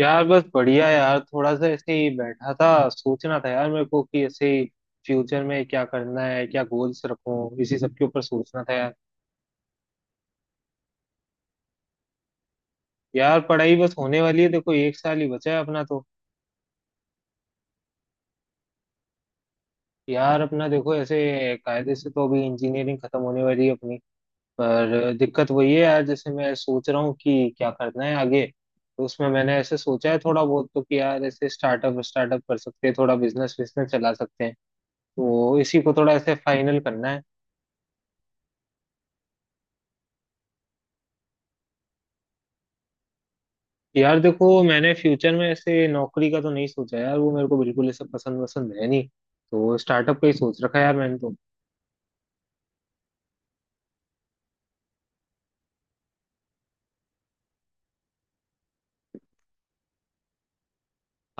यार बस बढ़िया यार, थोड़ा सा ऐसे ही बैठा था। सोचना था यार मेरे को कि ऐसे फ्यूचर में क्या करना है, क्या गोल्स रखूं, इसी सब के ऊपर सोचना था यार। यार पढ़ाई बस होने वाली है, देखो एक साल ही बचा है अपना तो। यार अपना देखो, ऐसे कायदे से तो अभी इंजीनियरिंग खत्म होने वाली है अपनी। पर दिक्कत वही है यार, जैसे मैं सोच रहा हूँ कि क्या करना है आगे। तो उसमें मैंने ऐसे सोचा है थोड़ा बहुत, तो कि यार ऐसे स्टार्टअप स्टार्टअप कर सकते हैं, थोड़ा बिजनेस बिजनेस चला सकते हैं। तो इसी को थोड़ा ऐसे फाइनल करना है। यार देखो, मैंने फ्यूचर में ऐसे नौकरी का तो नहीं सोचा यार, वो मेरे को बिल्कुल ऐसा पसंद वसंद है नहीं। तो स्टार्टअप का ही सोच रखा है यार मैंने तो।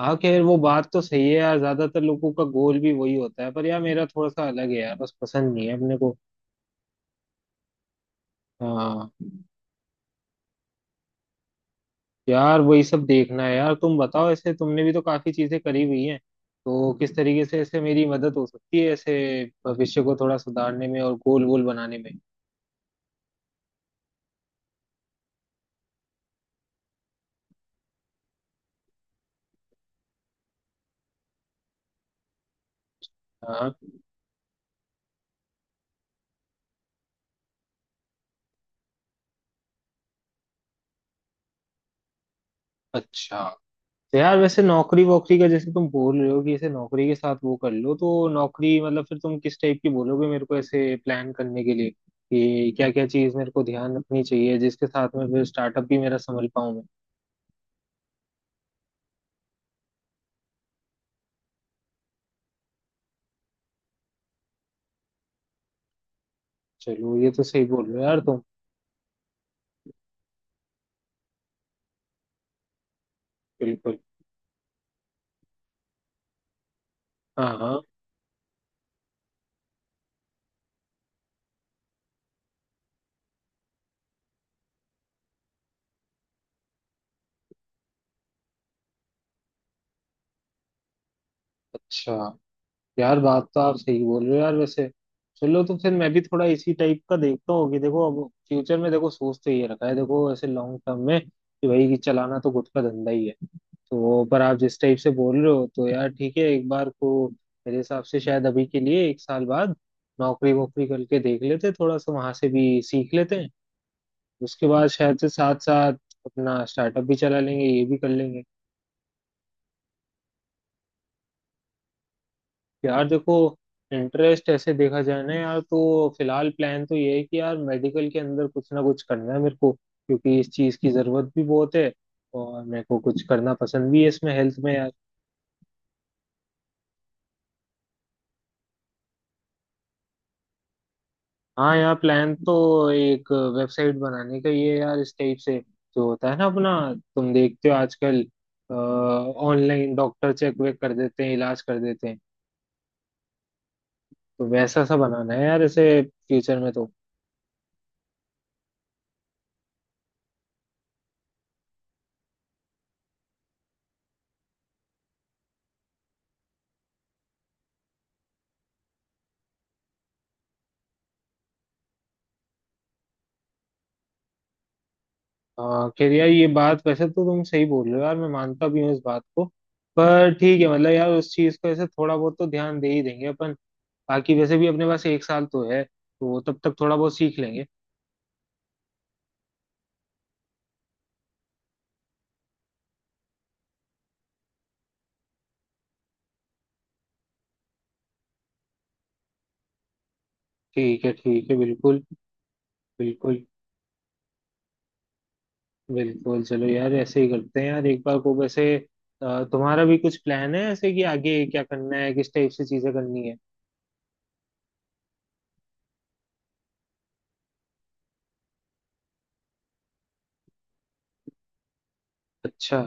हाँ, खैर वो बात तो सही है यार, ज्यादातर लोगों का गोल भी वही होता है, पर यार मेरा थोड़ा सा अलग है यार, बस पसंद नहीं है अपने को। हाँ। यार वही सब देखना है यार, तुम बताओ, ऐसे तुमने भी तो काफी चीजें करी हुई हैं। तो किस तरीके से ऐसे मेरी मदद हो सकती है ऐसे भविष्य को थोड़ा सुधारने में और गोल गोल बनाने में। हाँ। अच्छा। तो यार वैसे नौकरी वोकरी का जैसे तुम बोल रहे हो कि इसे नौकरी के साथ वो कर लो, तो नौकरी मतलब फिर तुम किस टाइप की बोलोगे मेरे को ऐसे प्लान करने के लिए कि क्या क्या चीज मेरे को ध्यान रखनी चाहिए जिसके साथ में फिर स्टार्टअप भी मेरा संभल पाऊं मैं। चलो ये तो सही बोल रहे हो यार तुम। बिल्कुल। हाँ हाँ। अच्छा। यार बात तो आप सही बोल रहे हो यार वैसे। चलो, तो फिर मैं भी थोड़ा इसी टाइप का देखता हूँ कि देखो अब फ्यूचर में, देखो सोच तो ये रखा है, देखो ऐसे लॉन्ग टर्म में कि भाई कि चलाना तो गुट का धंधा ही है। तो पर आप जिस टाइप से बोल रहे हो तो यार ठीक है एक बार को। मेरे हिसाब से शायद अभी के लिए एक साल बाद नौकरी वोकरी करके देख लेते, थोड़ा सा वहां से भी सीख लेते हैं। उसके बाद शायद से साथ साथ अपना स्टार्टअप भी चला लेंगे, ये भी कर लेंगे। यार देखो, इंटरेस्ट ऐसे देखा जाए ना यार, तो फिलहाल प्लान तो ये है कि यार मेडिकल के अंदर कुछ ना कुछ करना है मेरे को, क्योंकि इस चीज़ की ज़रूरत भी बहुत है। और मेरे को कुछ करना पसंद भी है इसमें, हेल्थ में। हाँ यार प्लान तो एक वेबसाइट बनाने का ये है यार इस टाइप से। जो होता है ना अपना, तुम देखते हो आजकल, ऑनलाइन डॉक्टर चेक वेक कर देते हैं, इलाज कर देते हैं। तो वैसा सा बनाना है यार ऐसे फ्यूचर में तो। खैर यार ये बात वैसे तो तुम सही बोल रहे हो यार, मैं मानता भी हूँ इस बात को। पर ठीक है, मतलब यार उस चीज को ऐसे थोड़ा बहुत तो ध्यान दे ही देंगे अपन। बाकी वैसे भी अपने पास एक साल तो है, तो वो तब तक थोड़ा बहुत सीख लेंगे। ठीक है, ठीक है, बिल्कुल, बिल्कुल। बिल्कुल चलो यार, ऐसे ही करते हैं यार एक बार को वैसे। तुम्हारा भी कुछ प्लान है ऐसे कि आगे क्या करना है, किस टाइप से चीजें करनी है? अच्छा।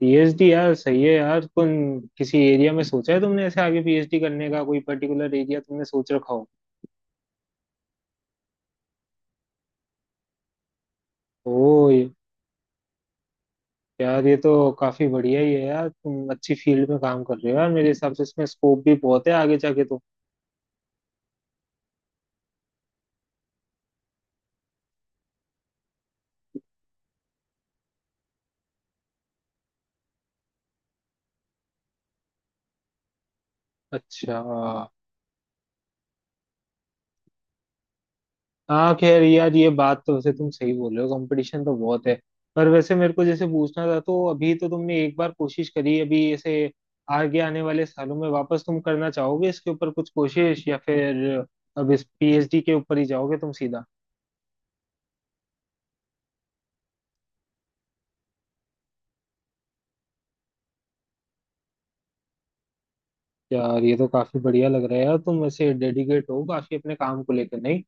पीएचडी यार सही है यार। कौन, किसी एरिया में सोचा है तुमने ऐसे आगे पीएचडी करने का, कोई पर्टिकुलर एरिया तुमने सोच रखा हो? ओ ये-। यार ये तो काफी बढ़िया ही है यार, तुम अच्छी फील्ड में काम कर रहे हो यार, मेरे हिसाब से इसमें स्कोप भी बहुत है आगे जाके तो। अच्छा। हाँ खैर यार ये बात तो वैसे तुम सही बोल रहे हो, कंपटीशन तो बहुत है। पर वैसे मेरे को जैसे पूछना था तो अभी तो तुमने एक बार कोशिश करी अभी ऐसे, आगे आने वाले सालों में वापस तुम करना चाहोगे इसके ऊपर कुछ कोशिश, या फिर अब इस पीएचडी के ऊपर ही जाओगे तुम सीधा? यार ये तो काफी बढ़िया लग रहा है यार, तुम वैसे डेडिकेट हो काफी अपने काम को लेकर, नहीं?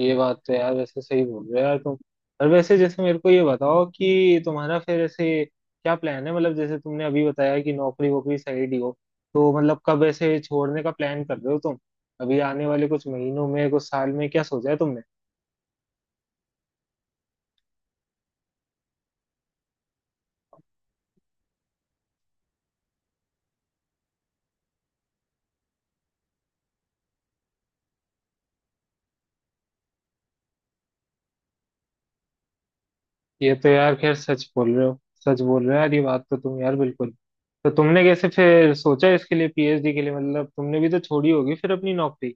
ये बात तो यार वैसे सही बोल रहे हो यार तुम। और वैसे जैसे मेरे को ये बताओ कि तुम्हारा फिर ऐसे क्या प्लान है, मतलब जैसे तुमने अभी बताया कि नौकरी वोकरी साइड ही हो, तो मतलब कब ऐसे छोड़ने का प्लान कर रहे हो तुम? अभी आने वाले कुछ महीनों में, कुछ साल में, क्या सोचा है तुमने? ये तो यार खैर सच बोल रहे हो। सच बोल रहे हो यार, ये बात तो तुम यार बिल्कुल। तो तुमने कैसे फिर सोचा इसके लिए, पीएचडी के लिए? मतलब तुमने भी तो छोड़ी होगी फिर अपनी नौकरी।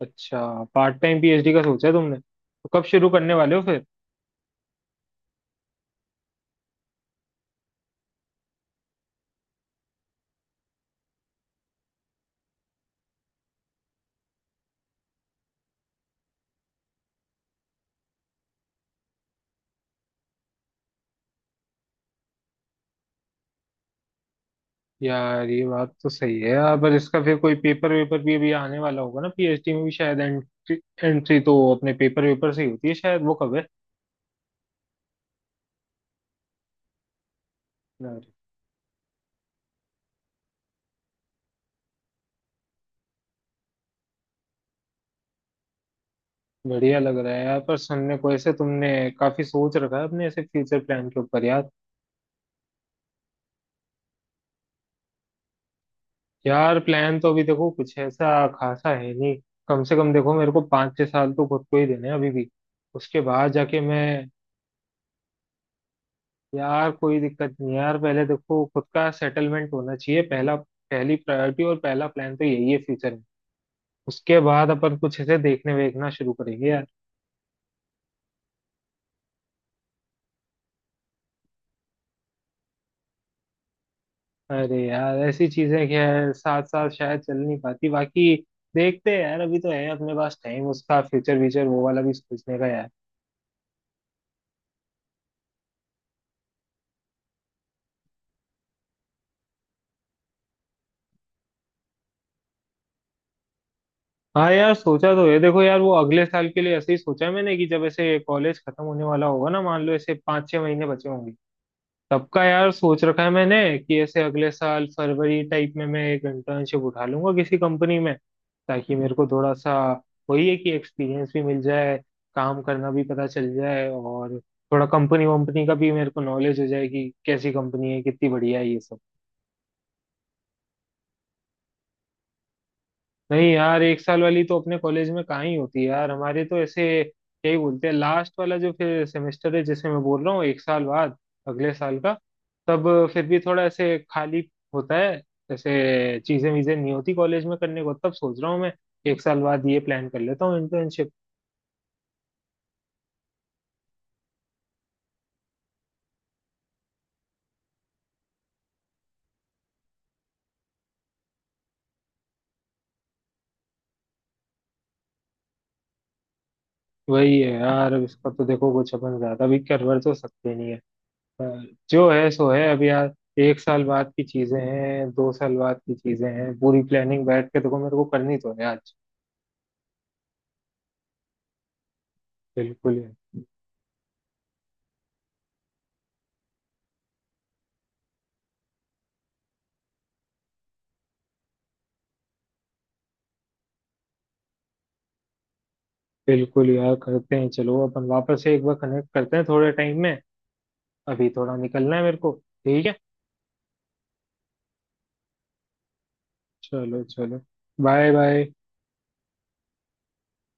अच्छा। पार्ट टाइम पीएचडी का सोचा है तुमने, तो कब शुरू करने वाले हो फिर? यार ये बात तो सही है यार, पर इसका फिर कोई पेपर वेपर भी अभी आने वाला होगा ना, पीएचडी में भी शायद एंट्री। एंट्री तो अपने पेपर वेपर से ही होती है शायद, वो कब है? यार बढ़िया लग रहा है यार पर सुनने को, ऐसे तुमने काफी सोच रखा है अपने ऐसे फ्यूचर प्लान के ऊपर यार। यार प्लान तो अभी देखो कुछ ऐसा खासा है नहीं। कम से कम देखो मेरे को 5-6 साल तो खुद को ही देने हैं अभी भी। उसके बाद जाके मैं। यार कोई दिक्कत नहीं है यार, पहले देखो खुद का सेटलमेंट होना चाहिए, पहला, पहली प्रायोरिटी और पहला प्लान तो यही है फ्यूचर। उसके बाद अपन कुछ ऐसे देखने वेखना शुरू करेंगे यार। अरे यार ऐसी चीजें खैर साथ साथ शायद चल नहीं पाती, बाकी देखते हैं यार, अभी तो है अपने पास टाइम उसका, फ्यूचर व्यूचर वो वाला भी सोचने का यार। हाँ यार सोचा तो है, देखो यार वो अगले साल के लिए ऐसे ही सोचा है मैंने कि जब ऐसे कॉलेज खत्म होने वाला होगा ना, मान लो ऐसे 5-6 महीने बचे होंगे सबका, यार सोच रखा है मैंने कि ऐसे अगले साल फरवरी टाइप में मैं एक इंटर्नशिप उठा लूंगा किसी कंपनी में, ताकि मेरे को थोड़ा सा, वही है कि एक्सपीरियंस भी मिल जाए, काम करना भी पता चल जाए और थोड़ा कंपनी वंपनी का भी मेरे को नॉलेज हो जाए कि कैसी कंपनी है, कितनी बढ़िया है, ये सब। नहीं यार, एक साल वाली तो अपने कॉलेज में कहाँ ही होती है यार, हमारे तो ऐसे क्या ही बोलते हैं। लास्ट वाला जो फिर सेमेस्टर है जिसे मैं बोल रहा हूँ एक साल बाद, अगले साल का, तब फिर भी थोड़ा ऐसे खाली होता है, ऐसे चीजें वीजें नहीं होती कॉलेज में करने को, तब सोच रहा हूँ मैं एक साल बाद ये प्लान कर लेता हूँ इंटर्नशिप। वही है यार, अब इसका तो देखो कुछ अपन ज्यादा भी कर वर तो सकते नहीं है, पर जो है सो है अब यार। एक साल बाद की चीजें हैं, 2 साल बाद की चीजें हैं, पूरी प्लानिंग बैठ के देखो मेरे को करनी तो है आज। बिल्कुल यार। बिल्कुल यार, करते हैं, चलो अपन वापस से एक बार कनेक्ट करते हैं थोड़े टाइम में, अभी थोड़ा निकलना है मेरे को। ठीक है। चलो चलो, बाय बाय।